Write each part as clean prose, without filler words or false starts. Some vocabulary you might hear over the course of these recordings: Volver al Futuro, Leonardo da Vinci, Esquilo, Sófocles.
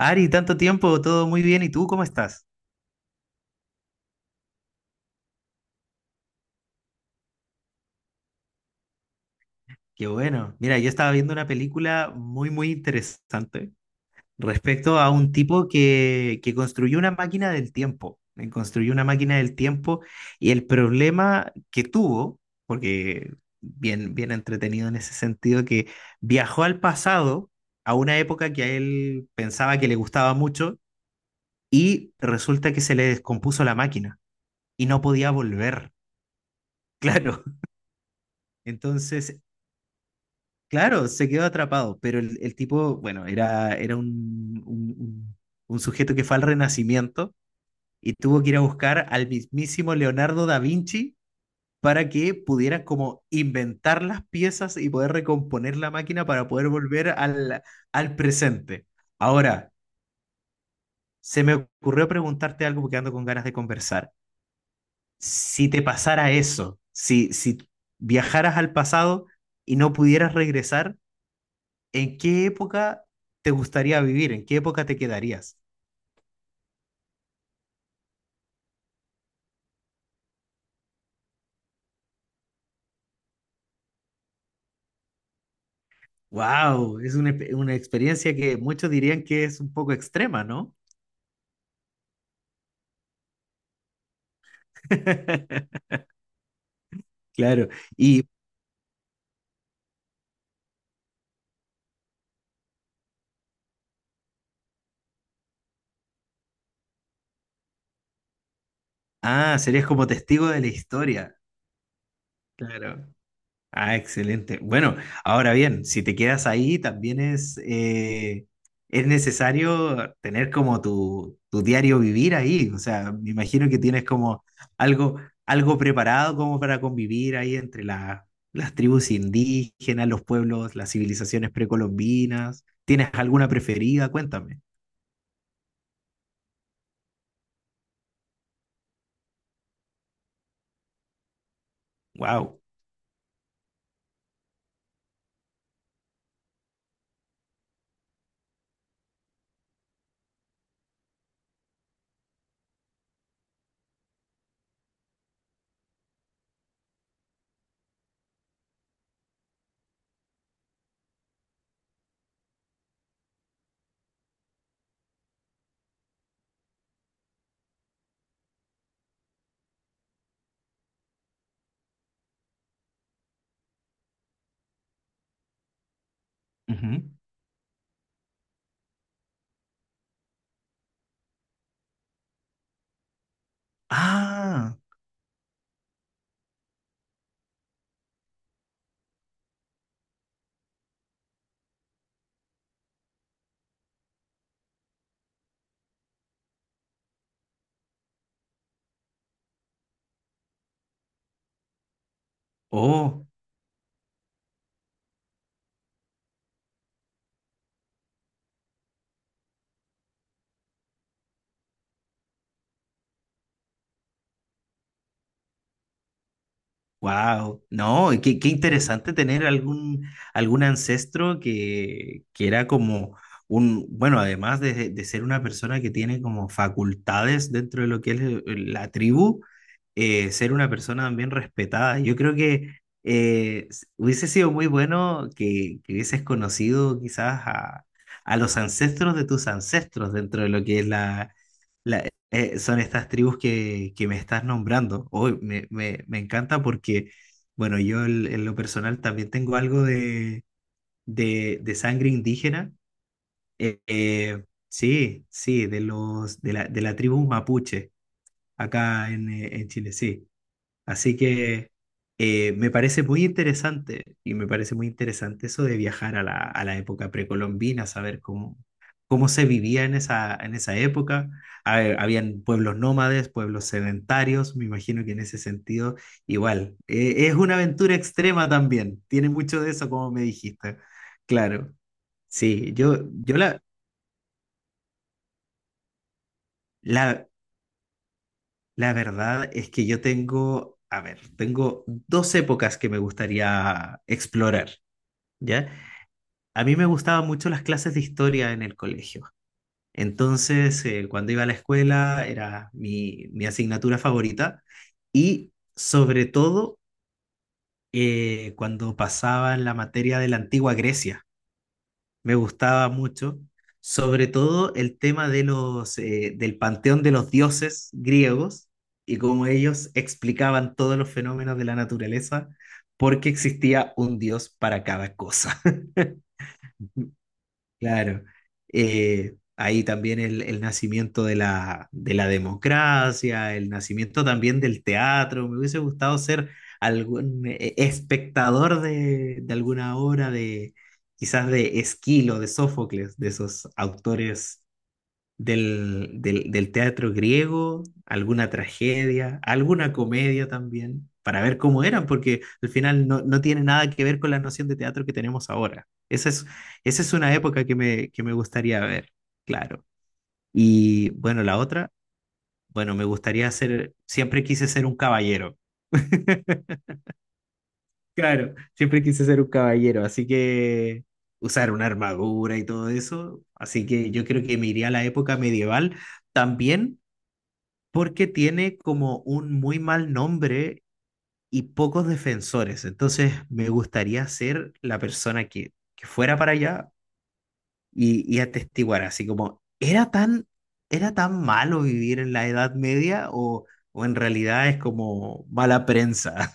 Ari, tanto tiempo, todo muy bien. ¿Y tú cómo estás? Qué bueno. Mira, yo estaba viendo una película muy, muy interesante respecto a un tipo que construyó una máquina del tiempo. Construyó una máquina del tiempo y el problema que tuvo, porque bien, bien entretenido en ese sentido, que viajó al pasado, a una época que a él pensaba que le gustaba mucho, y resulta que se le descompuso la máquina y no podía volver. Claro. Entonces, claro, se quedó atrapado, pero el tipo, bueno, era un sujeto que fue al Renacimiento y tuvo que ir a buscar al mismísimo Leonardo da Vinci para que pudieran como inventar las piezas y poder recomponer la máquina para poder volver al presente. Ahora, se me ocurrió preguntarte algo porque ando con ganas de conversar. Si te pasara eso, si viajaras al pasado y no pudieras regresar, ¿en qué época te gustaría vivir? ¿En qué época te quedarías? Wow, es una experiencia que muchos dirían que es un poco extrema, ¿no? Claro. Y, ah, serías como testigo de la historia. Claro. Ah, excelente. Bueno, ahora bien, si te quedas ahí, también es necesario tener como tu, diario vivir ahí. O sea, me imagino que tienes como algo, algo preparado como para convivir ahí entre las tribus indígenas, los pueblos, las civilizaciones precolombinas. ¿Tienes alguna preferida? Cuéntame. Wow. Ah, oh. Wow, no, y qué interesante tener algún ancestro que era como bueno, además de ser una persona que tiene como facultades dentro de lo que es la tribu, ser una persona también respetada. Yo creo que hubiese sido muy bueno que hubieses conocido quizás a los ancestros de tus ancestros dentro de lo que es son estas tribus que me estás nombrando. Hoy me, me encanta porque, bueno, yo en lo personal también tengo algo de sangre indígena. Eh, eh, sí, sí, de la tribu mapuche acá en Chile, sí. Así que me parece muy interesante y me parece muy interesante eso de viajar a la, época precolombina, saber cómo se vivía en esa época. A ver, habían pueblos nómades, pueblos sedentarios, me imagino que en ese sentido igual. Es una aventura extrema también, tiene mucho de eso como me dijiste. Claro, sí, yo, la, la verdad es que yo tengo, a ver, tengo dos épocas que me gustaría explorar. ¿Ya? A mí me gustaban mucho las clases de historia en el colegio. Entonces, cuando iba a la escuela era mi asignatura favorita y sobre todo cuando pasaba en la materia de la antigua Grecia, me gustaba mucho, sobre todo el tema del panteón de los dioses griegos y cómo ellos explicaban todos los fenómenos de la naturaleza porque existía un dios para cada cosa. Claro. Ahí también el nacimiento de la, democracia, el nacimiento también del teatro. Me hubiese gustado ser algún espectador de, alguna obra quizás de Esquilo, de Sófocles, de esos autores del teatro griego, alguna tragedia, alguna comedia también, para ver cómo eran, porque al final no tiene nada que ver con la noción de teatro que tenemos ahora. Esa es una época que me gustaría ver, claro. Y bueno, la otra, bueno, siempre quise ser un caballero. Claro, siempre quise ser un caballero, así que usar una armadura y todo eso. Así que yo creo que me iría a la época medieval también porque tiene como un muy mal nombre y pocos defensores. Entonces, me gustaría ser la persona que fuera para allá y atestiguar, así como, ¿era tan malo vivir en la Edad Media o en realidad es como mala prensa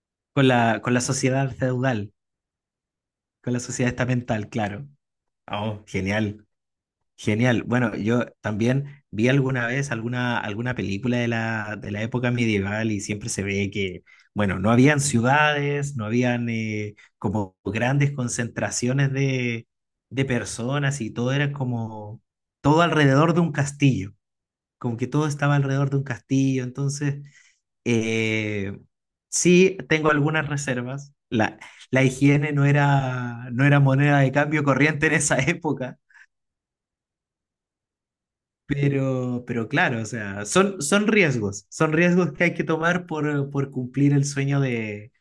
con la, sociedad feudal, con la sociedad estamental, claro. Oh, genial. Genial. Bueno, yo también vi alguna vez alguna película de la, época medieval y siempre se ve que, bueno, no habían ciudades, no habían como grandes concentraciones de personas y todo era como todo alrededor de un castillo, como que todo estaba alrededor de un castillo. Entonces, eh, sí, tengo algunas reservas. La higiene no era moneda de cambio corriente en esa época. Pero claro, o sea, son riesgos, son riesgos que hay que tomar por cumplir el sueño de,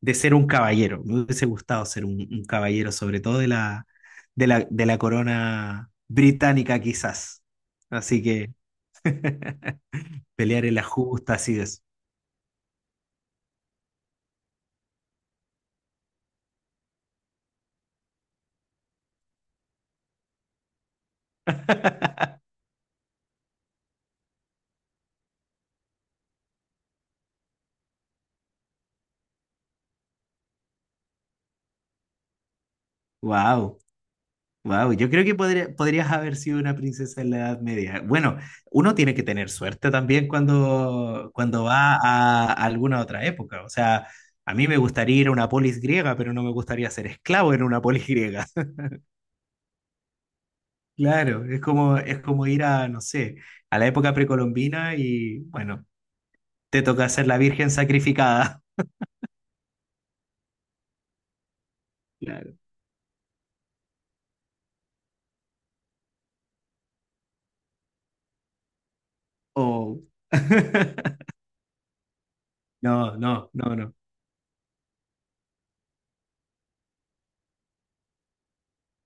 de ser un caballero. Me hubiese gustado ser un caballero, sobre todo de la, corona británica, quizás. Así que pelear en las justas y eso. ¡Wow! Wow, yo creo que podrías haber sido una princesa en la Edad Media. Bueno, uno tiene que tener suerte también cuando va a alguna otra época. O sea, a mí me gustaría ir a una polis griega, pero no me gustaría ser esclavo en una polis griega. Claro, es como ir a, no sé, a la época precolombina y, bueno, te toca ser la virgen sacrificada. Claro. O... No, no, no, no.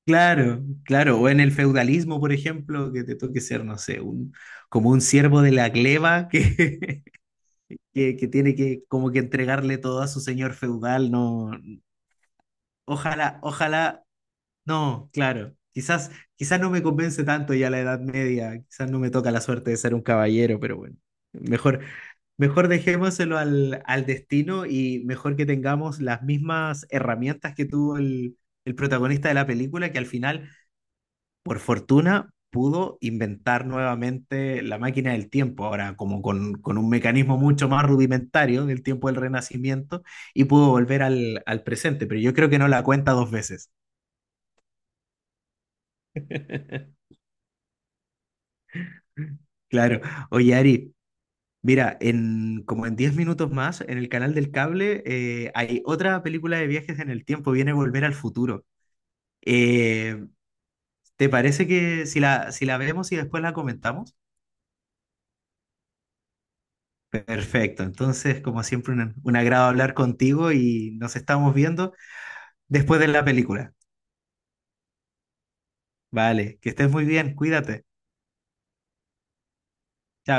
Claro, claro, o en el feudalismo, por ejemplo, que te toque ser, no sé, como un siervo de la gleba que, que tiene que como que entregarle todo a su señor feudal, no, ojalá, ojalá, no, claro, quizás, quizás no me convence tanto ya la Edad Media, quizás no me toca la suerte de ser un caballero, pero bueno, mejor, mejor dejémoselo al, destino y mejor que tengamos las mismas herramientas que tuvo el protagonista de la película, que al final por fortuna, pudo inventar nuevamente la máquina del tiempo, ahora como con, un mecanismo mucho más rudimentario del tiempo del Renacimiento, y pudo volver al presente, pero yo creo que no la cuenta dos veces. Claro. Oye, Ari, mira, como en 10 minutos más, en el canal del cable hay otra película de viajes en el tiempo, viene Volver al Futuro. Eh, ¿Te parece que si la, vemos y después la comentamos? Perfecto, entonces como siempre un agrado hablar contigo y nos estamos viendo después de la película. Vale, que estés muy bien, cuídate. Chao.